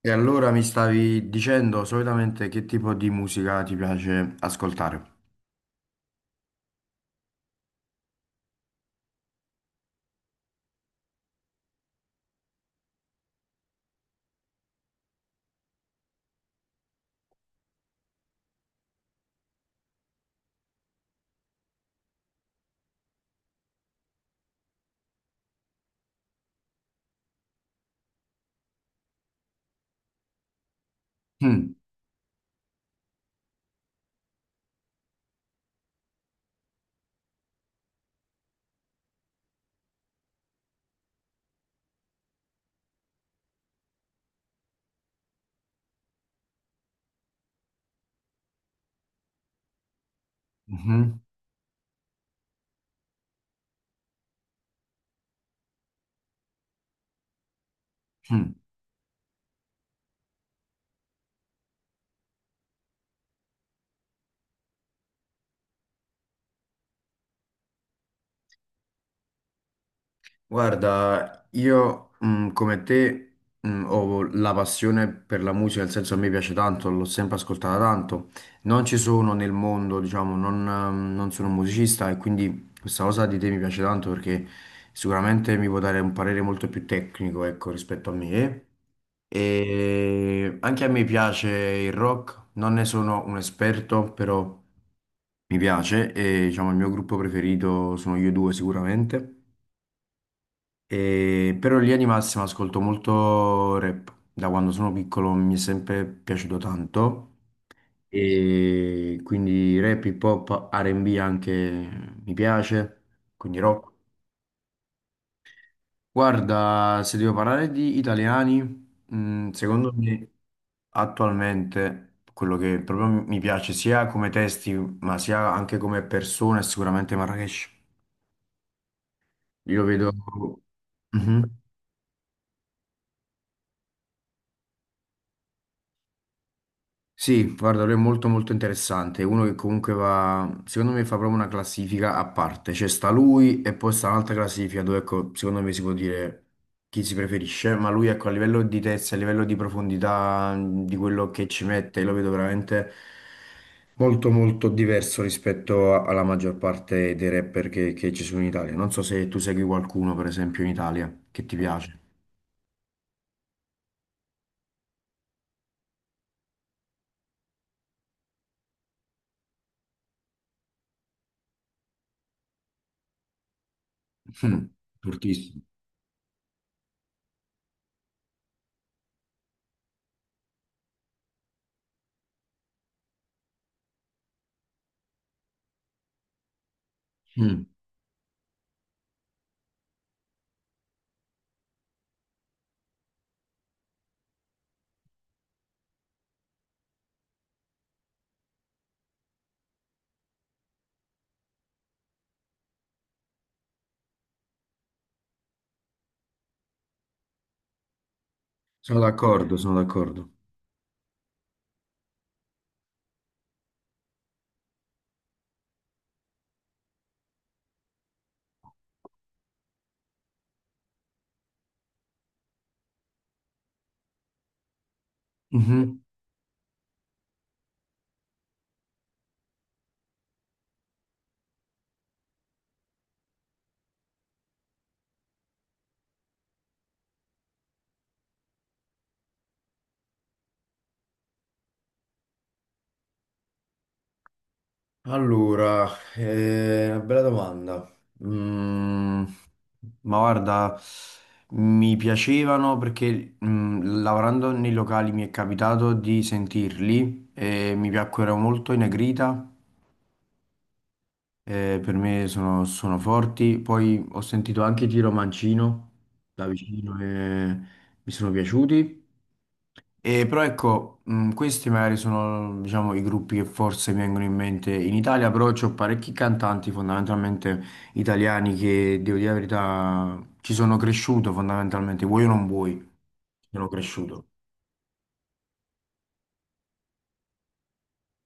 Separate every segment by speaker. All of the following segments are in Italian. Speaker 1: E allora mi stavi dicendo solitamente che tipo di musica ti piace ascoltare? Mm. Mhm. Mm. Guarda, io come te ho la passione per la musica, nel senso a me piace tanto, l'ho sempre ascoltata tanto. Non ci sono nel mondo, diciamo, non, non sono un musicista e quindi questa cosa di te mi piace tanto perché sicuramente mi può dare un parere molto più tecnico, ecco, rispetto a me. E anche a me piace il rock, non ne sono un esperto, però mi piace e diciamo il mio gruppo preferito sono io due sicuramente. Però in linea di massima ascolto molto rap. Da quando sono piccolo mi è sempre piaciuto tanto. E quindi rap, hip hop, R&B anche mi piace, quindi rock. Guarda, se devo parlare di italiani, secondo me attualmente quello che proprio mi piace sia come testi, ma sia anche come persone, è sicuramente Marrakesh. Io lo vedo... Mhm. Sì, guarda, lui è molto molto interessante, è uno che comunque va, secondo me fa proprio una classifica a parte, cioè sta lui e poi sta un'altra classifica dove ecco, secondo me si può dire chi si preferisce, ma lui ecco a livello di testa, a livello di profondità, di quello che ci mette, lo vedo veramente molto molto diverso rispetto alla maggior parte dei rapper che, ci sono in Italia. Non so se tu segui qualcuno, per esempio, in Italia che ti piace. Mm, fortissimo. Mm. Sono d'accordo, sono d'accordo. Mhm. Allora, è una bella domanda. Mm, ma guarda, mi piacevano perché mm, lavorando nei locali mi è capitato di sentirli e mi piacquero molto i Negrita, per me sono, sono forti. Poi ho sentito anche Giro Mancino da vicino e mi sono piaciuti. E però ecco, questi magari sono, diciamo, i gruppi che forse mi vengono in mente in Italia, però c'ho parecchi cantanti fondamentalmente italiani che, devo dire la verità, ci sono cresciuto fondamentalmente, vuoi o non vuoi, ci sono cresciuto.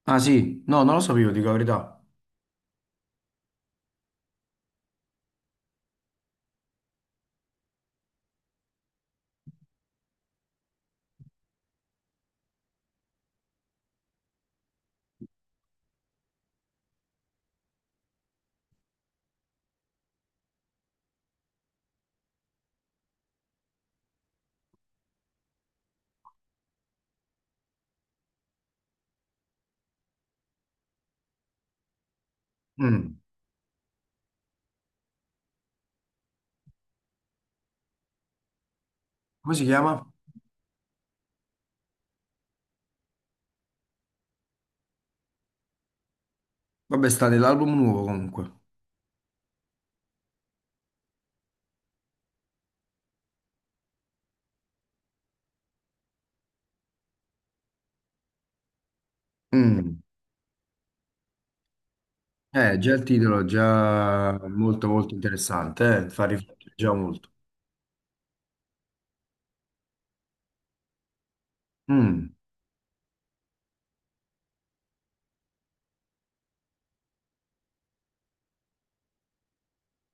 Speaker 1: Ah sì, no, non lo sapevo, dico la verità. Mm. Come si chiama? Vabbè, sta nell'album nuovo comunque. Mm. Già il titolo è già molto molto interessante, fa riflettere già molto. Mm,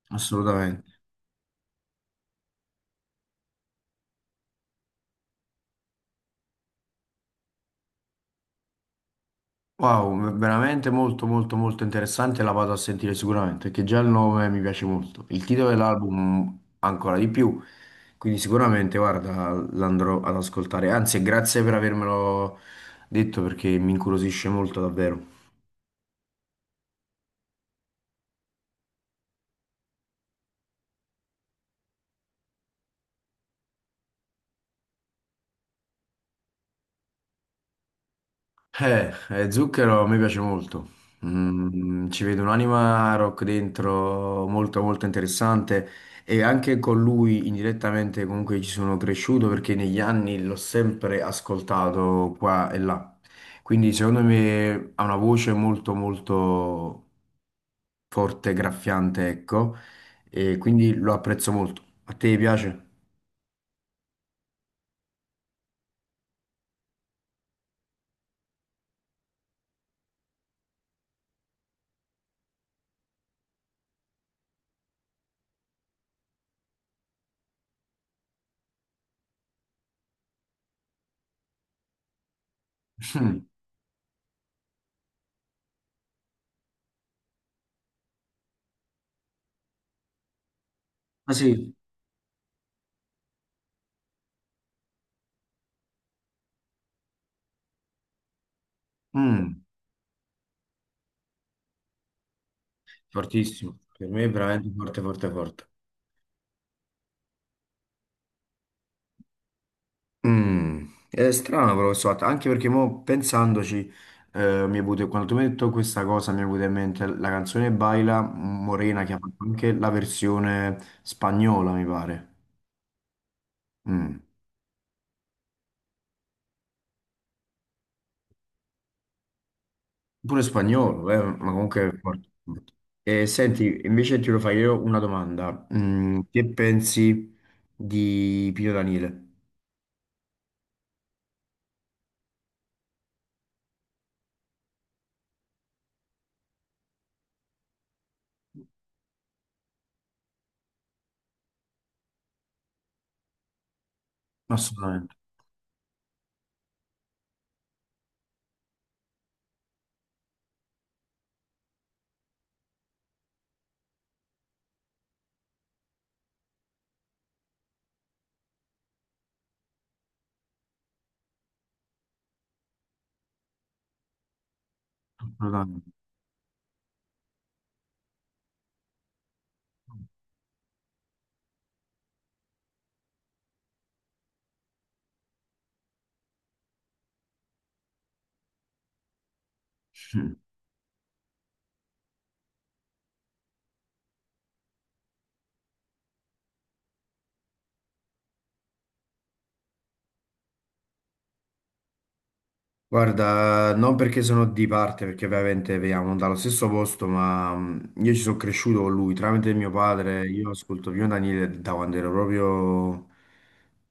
Speaker 1: assolutamente. Wow, veramente molto molto molto interessante, la vado a sentire sicuramente, perché già il nome mi piace molto. Il titolo dell'album ancora di più, quindi sicuramente, guarda, l'andrò ad ascoltare. Anzi, grazie per avermelo detto perché mi incuriosisce molto davvero. Zucchero mi piace molto. Mm, ci vedo un'anima rock dentro molto molto interessante e anche con lui indirettamente comunque ci sono cresciuto perché negli anni l'ho sempre ascoltato qua e là. Quindi secondo me ha una voce molto molto forte, graffiante, ecco, e quindi lo apprezzo molto. A te piace? Mm. Ah sì. Mm, fortissimo. Per me è veramente forte, forte, forte. Mm, è strano però questo fatto, anche perché mo pensandoci, mi è venuto, quando tu mi hai detto questa cosa, mi è venuta in mente la canzone Baila Morena che ha fatto anche la versione spagnola, mi pare. Mm. Pure spagnolo, ma comunque è forte. E senti, invece ti lo fai io una domanda. Mm, che pensi di Pino Daniele? Assolutamente, assolutamente. Guarda, non perché sono di parte, perché ovviamente veniamo dallo stesso posto, ma io ci sono cresciuto con lui tramite mio padre. Io ascolto Pino Daniele da quando ero proprio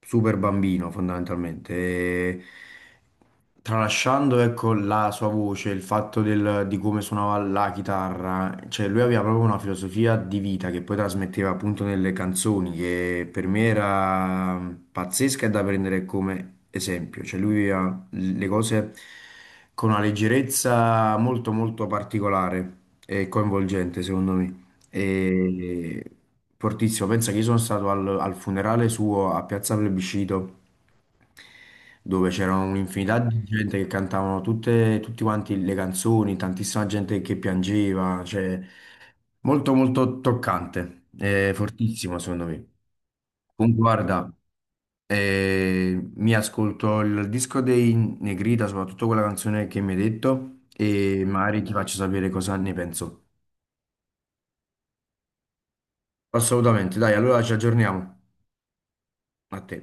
Speaker 1: super bambino, fondamentalmente. E tralasciando, ecco, la sua voce, il fatto di come suonava la chitarra, cioè lui aveva proprio una filosofia di vita che poi trasmetteva appunto nelle canzoni, che per me era pazzesca e da prendere come esempio. Cioè lui le cose con una leggerezza molto molto particolare e coinvolgente, secondo me. E fortissimo, pensa che io sono stato al, al funerale suo a Piazza Plebiscito, dove c'era un'infinità di gente che cantavano tutte, tutti quanti le canzoni, tantissima gente che piangeva, cioè molto molto toccante, fortissimo secondo me. Comunque guarda, e mi ascolto il disco dei Negrita, soprattutto quella canzone che mi hai detto, e magari ti faccio sapere cosa ne penso. Assolutamente, dai, allora ci aggiorniamo. A te.